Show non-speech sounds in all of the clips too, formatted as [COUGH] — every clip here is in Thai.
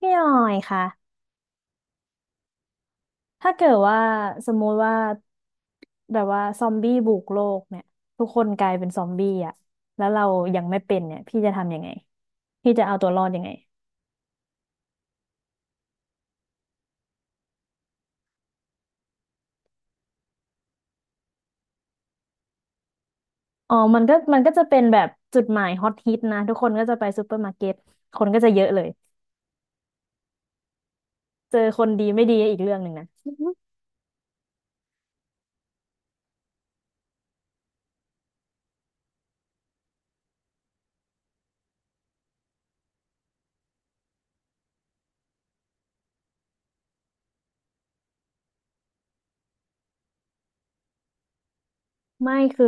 พี่หน่อยค่ะ ถ้าเกิดว่าสมมุติว่าแบบว่าซอมบี้บุกโลกเนี่ยทุกคนกลายเป็นซอมบี้อ่ะแล้วเรายังไม่เป็นเนี่ยพี่จะทำยังไงพี่จะเอาตัวรอดยังไงอ๋อมันก็จะเป็นแบบจุดหมายฮอตฮิตนะทุกคนก็จะไปซูเปอร์มาร์เก็ตคนก็จะเยอะเลยเจอคนดีไม่ดีอีกเรื่องหนึ่งนะไม่คือ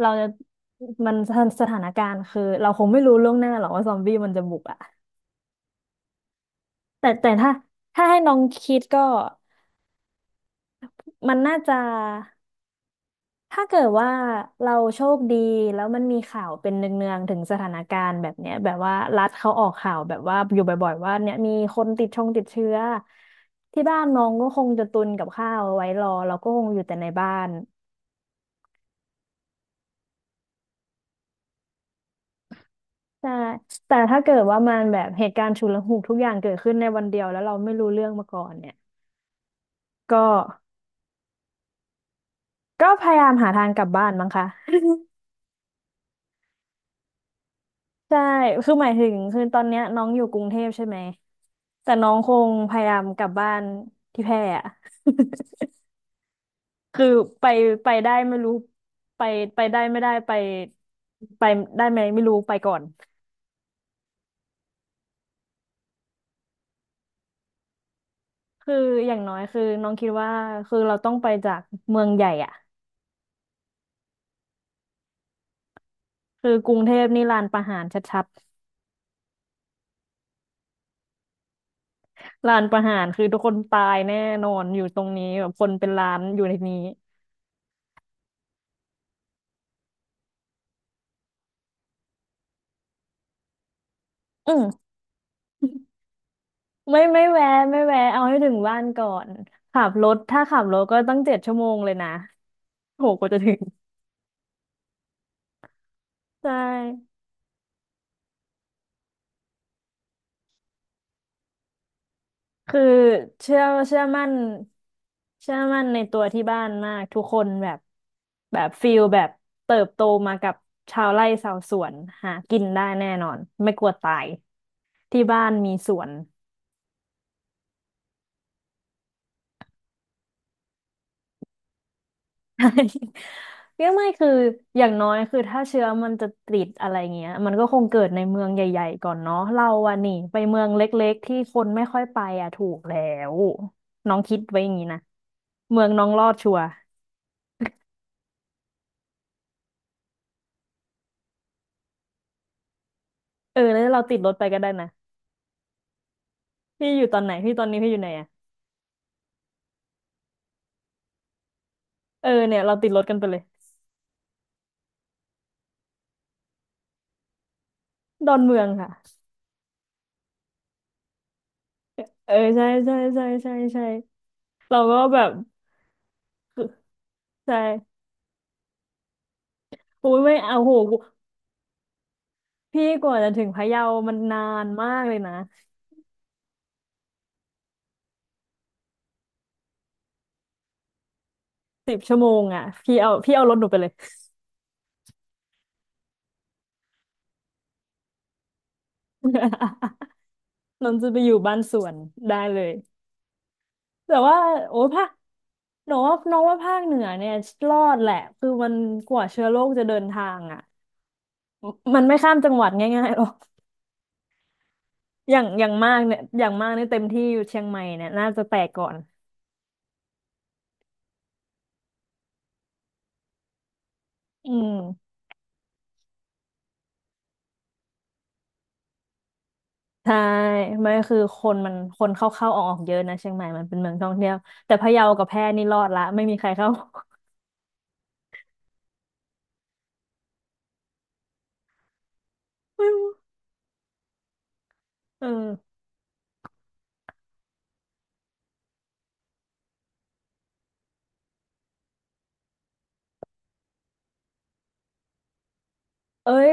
เราจะมันสถานการณ์คือเราคงไม่รู้ล่วงหน้าหรอกว่าซอมบี้มันจะบุกอ่ะแต่ถ้าให้น้องคิดก็มันน่าจะ ถ้าเกิดว่าเราโชคดีแล้วมันมีข่าวเป็นเนืองๆถึงสถานการณ์แบบเนี้ยแบบว่ารัฐเขาออกข่าวแบบว่าอยู่บ่อยๆว่าเนี่ยมีคนติดเชื้อที่บ้านน้องก็คงจะตุนกับข้าวเอาไว้รอเราก็คงอยู่แต่ในบ้านใช่แต่ถ้าเกิดว่ามันแบบเหตุการณ์ฉุกละหุกทุกอย่างเกิดขึ้นในวันเดียวแล้วเราไม่รู้เรื่องมาก่อนเนี่ยก็ก็พยายามหาทางกลับบ้านมั้งคะ ใช่คือหมายถึงคือตอนเนี้ยน้องอยู่กรุงเทพใช่ไหมแต่น้องคงพยายามกลับบ้านที่แพร่อะ [LAUGHS] คือไปไปได้ไม่รู้ไปไปได้ไม่ได้ไปไปได้ไหมไม่รู้ไปก่อน คืออย่างน้อยคือน้องคิดว่าคือเราต้องไปจากเมืองใหญ่อะคือกรุงเทพนี่ลานประหารชัดๆลานประหารคือทุกคนตายแน่นอนอยู่ตรงนี้แบบคนเป็นล้านอยู่ในนี้อืม ไม่แวะไม่แวะเอาให้ถึงบ้านก่อนขับรถถ้าขับรถก็ตั้ง7 ชั่วโมงเลยนะโหกว่าจะถึงใช่คือเชื่อเชื่อมั่นเชื่อมั่นในตัวที่บ้านมากทุกคนแบบแบบฟิลแบบเติบโตมากับชาวไร่ชาวสวนหากินได้แน่นอนไม่กลัวตายที่บ้านมีสวน [LAUGHS] ใช่ [LAUGHS] เนี่ยไม่คืออย่างน้อยคือถ้าเชื้อมันจะติดอะไรเงี้ยมันก็คงเกิดในเมืองใหญ่ๆก่อนเนาะเราอะนี่ไปเมืองเล็กๆที่คนไม่ค่อยไปอะถูกแล้วน้องคิดไว้อย่างนี้นะเมืองน้องรอดชัวร์เออแล้วเราติดรถไปก็ได้นะพี่อยู่ตอนไหนพี่ตอนนี้พี่อยู่ไหนอะเออเนี่ยเราติดรถกันไปเลยดอนเมืองค่ะเออใช่เราก็แบบใช่อุ้ยไม่เอาโหพี่กว่าจะถึงพะเยามันนานมากเลยนะ 10 ชั่วโมงอ่ะพี่เอารถหนูไปเลย [LAUGHS] นนท์จะไปอยู่บ้านสวนได้เลยแต่ว่าโอ้ยภาคหนูว่าน้องว่าภาคเหนือเนี่ยรอดแหละคือมันกว่าเชื้อโรคจะเดินทางอ่ะมันไม่ข้ามจังหวัดง่ายๆหรอกอย่างมากเนี่ยเต็มที่อยู่เชียงใหม่เนี่ยน่าจะแตกก่อนอืมใช่ไม่คือคนมันคนเข้าออกเยอะนะเชียงใหม่มันเป็นเมืองท่องเที่ยวแต่พะเยากับแพร่นี่รอดละไม่มีใครเข้า [LAUGHS] ไม่รู้เออ เอ้ย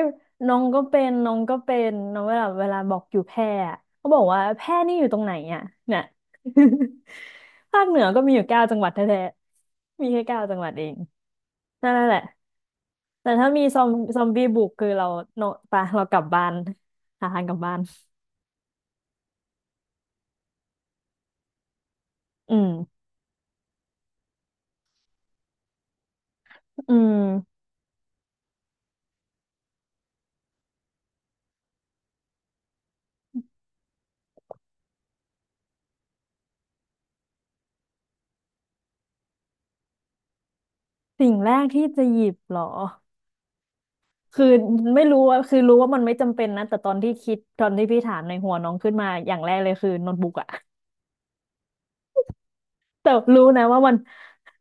น้องเวลาบอกอยู่แพร่อะเขาบอกว่าแพร่นี่อยู่ตรงไหนอ่ะเนี่ย [LAUGHS] ภาคเหนือก็มีอยู่เก้าจังหวัดแท้ๆมีแค่เก้าจังหวัดเองนั่นแหละแต่ถ้ามีซอมบี้บุกคือเราโนปะเรากลับบ้านหาทางกลับบ้านอืมอืมสิ่งแรกที่จะหยิบเหรอคือไม่รู้ว่าคือรู้ว่ามันไม่จำเป็นนะแต่ตอนที่คิดตอนที่พี่ถามในหัวน้องขึ้นมาอย่างแรกเลยคือโน้ตบุ๊กอะ แต่รู้นะว่ามัน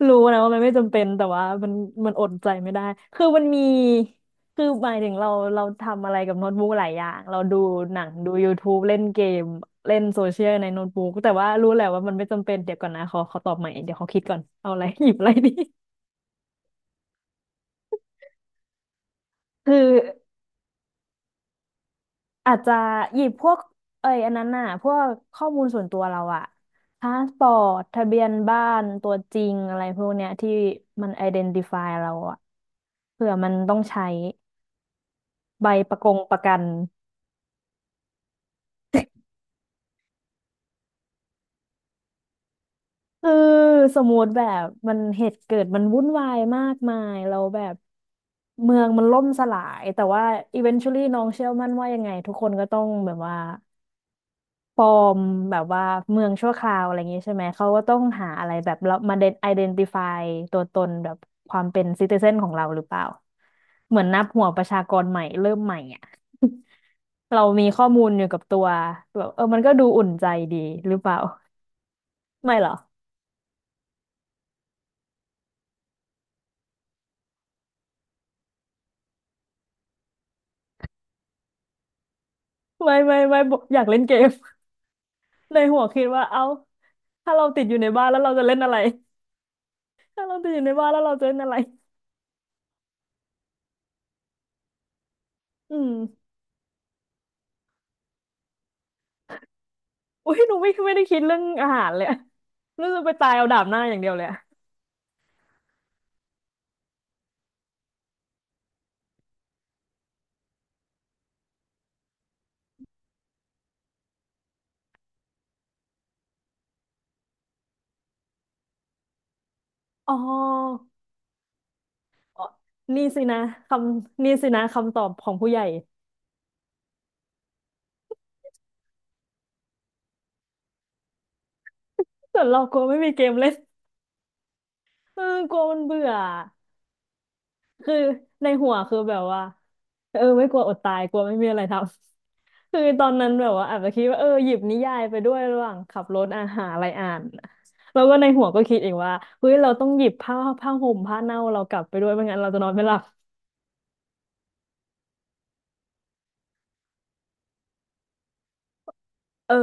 รู้นะว่ามันไม่จำเป็นแต่ว่ามันมันอดใจไม่ได้คือมันมีคือหมายถึงเราเราทำอะไรกับโน้ตบุ๊กหลายอย่างเราดูหนังดู YouTube เล่นเกมเล่นโซเชียลในโน้ตบุ๊กแต่ว่ารู้แหละว่ามันไม่จำเป็นเดี๋ยวก่อนนะขอตอบใหม่เดี๋ยวขอคิดก่อนเอาอะไร [LAUGHS] หยิบอะไรดีคือ อาจจะหยิบพวกเอ้ยอันนั้นน่ะพวกข้อมูลส่วนตัวเราอะพาสปอร์ตทะเบียนบ้านตัวจริงอะไรพวกเนี้ยที่มัน identify เดนติฟายเราอะเผื่อมันต้องใช้ใบประกันคือสมมติแบบมันเหตุเกิดมันวุ่นวายมากมายเราแบบเมืองมันล่มสลายแต่ว่า eventually นชวลลี่น้องเชื่อมั่นว่ายังไงทุกคนก็ต้องแบบว่า ปลอมแบบว่าเมืองชั่วคราวอะไรอย่างงี้ใช่ไหมเขาก็ต้องหาอะไรแบบเรามาเดนไอเดนติฟายตัวตนแบบความเป็นซิติเซนของเราหรือเปล่า เหมือนนับหัวประชากรใหม่เริ่มใหม่อ่ะ [LAUGHS] เรามีข้อมูลอยู่กับตัวแบบเออมันก็ดูอุ่นใจดีหรือเปล่าไม่เหรอไม่บอกอยากเล่นเกม [LAUGHS] ในหัวคิดว่าเอ้าถ้าเราติดอยู่ในบ้านแล้วเราจะเล่นอะไรถ้าเราติดอยู่ในบ้านแล้วเราจะเล่นอะไรอืม อุ้ยหนูไม่ได้คิดเรื่องอาหารเลยอะรู้สึกไปตายเอาดาบหน้าอย่างเดียวเลยอะอ๋ออ๋อนี่สินะคำนี่สินะคำตอบของผู้ใหญ่ส่วนเรากลัวไม่มีเกมเล่นเออกลัวมันเบื่อคือในหัวคือแบบว่าเออไม่กลัวอดตายกลัวไม่มีอะไรทำ [LAUGHS] คือตอนนั้นแบบว่าอาจจะคิดว่าเออหยิบนิยายไปด้วยระหว่างขับรถอาหารอะไรอ่านแล้วก็ในหัวก็คิดเองว่าเฮ้ยเราต้องหยิบผ้าห่มผ้าเน่าเรากลับไปด้วยไม่งั้นเราจะนอนไม่หลับ เออ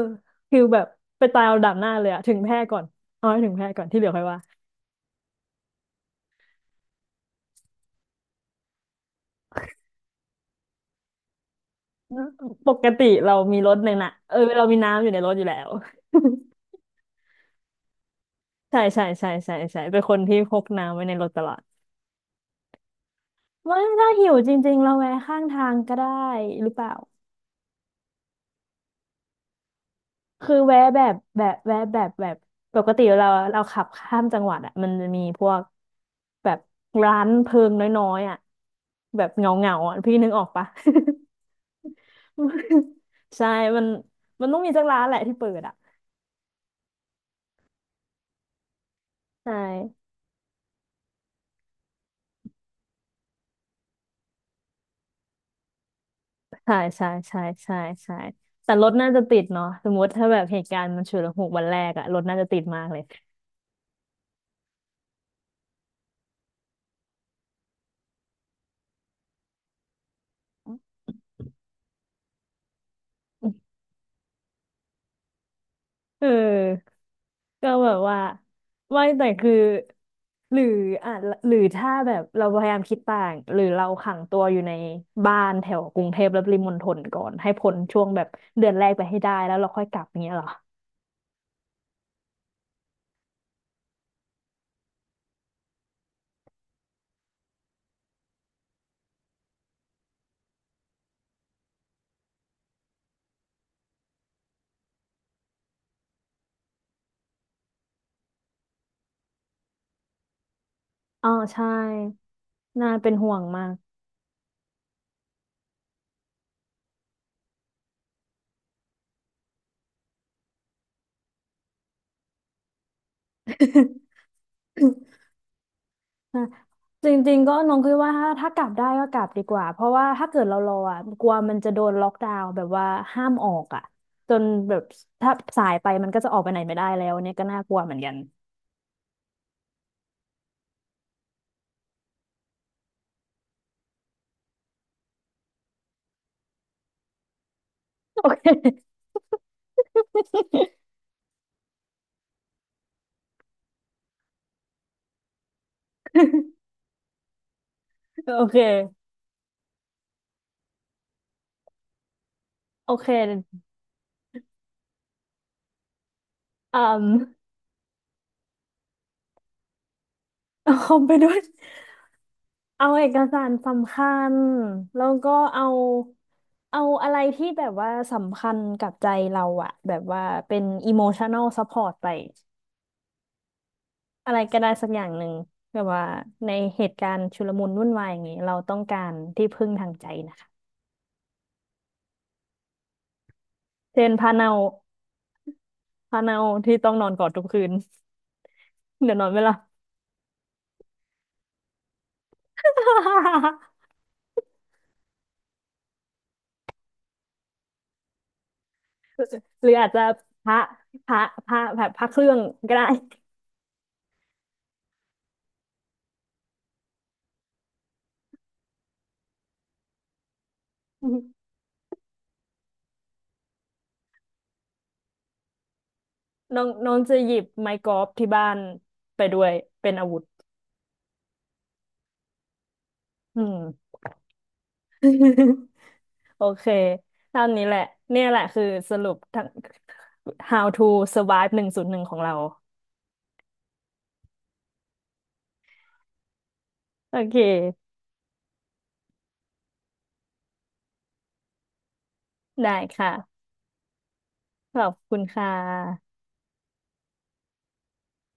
คือแบบไปตายเอาดับหน้าเลยอะถึงแพร่ก่อนเอาให้ถึงแพร่ก่อนที่เหลือค่อยว่าปกติเรามีรถในน่ะเออเรามีน้ำอยู่ในรถอยู่แล้ว [LAUGHS] ใช่ใช่ใช่ใช่ใช่เป็นคนที่พกน้ำไว้ในรถตลอดว่าถ้าหิวจริงๆเราแวะข้างทางก็ได้หรือเปล่า คือแวะแบบแบบแวะแบบแบบปกติเราขับข้ามจังหวัดอ่ะมันจะมีพวกแบบร้านเพิงน้อยๆอ่ะแบบเงาเงาอ่ะพี่นึกออกปะ [LAUGHS] ใช่มันมันต้องมีสักร้านแหละที่เปิดอ่ะใช่ใช่ใช่ใช่ใช่ใช่แต่รถน่าจะติดเนาะสมมติถ้าแบบเหตุการณ์มันฉุกละหุกวันแรกอะรถน่าจะติดมากเลย [LAUGHS] เออ ก็แบบว่าไม่แต่คือหรืออ่ะหรือถ้าแบบเราพยายามคิดต่างหรือเราขังตัวอยู่ในบ้านแถวกรุงเทพและปริมณฑลก่อนให้พ้นช่วงแบบเดือนแรกไปให้ได้แล้วเราค่อยกลับอย่างเงี้ยเหรออ๋อใช่น่าเป็นห่วงมาก [COUGHS] [LAUGHS] นะจริงๆก็น้องคิดว่าถ้ากลับได้ก็กลับดีกว่าเพราะว่าถ้าเกิดเรารออ่ะกลัวมันจะโดนล็อกดาวน์แบบว่าห้ามออกอ่ะจนแบบถ้าสายไปมันก็จะออกไปไหนไม่ได้แล้วเนี่ยก็น่ากลัวเหมือนกันโอเค โอเคโอเคอืม [LAUGHS] เอาคอมไปด้วย เอาเอกสารสำคัญ แล้วก็เอาเอาอะไรที่แบบว่าสำคัญกับใจเราอะแบบว่าเป็น emotional support ไปอะไรก็ได้สักอย่างหนึ่ง แบบว่าในเหตุการณ์ชุลมุนวุ่นวายอย่างนี้เราต้องการที่พึ่งทางใจนะคะ เช่นพาเนาพาเนาที่ต้องนอนกอดทุกคืน เดี๋ยวนอนไม่หลับ [LAUGHS] หรืออาจจะพระพระพระแบบพระเครื่องก็ได้ น้องน้องจะหยิบไม้กอล์ฟที่บ้านไปด้วยเป็นอาวุธอืม [LAUGHS] โอเคเท่านี้แหละเนี่ยแหละคือสรุปทั้ง How to survive 101ของเราโอเคได้ค่ะขอบคุณค่ะ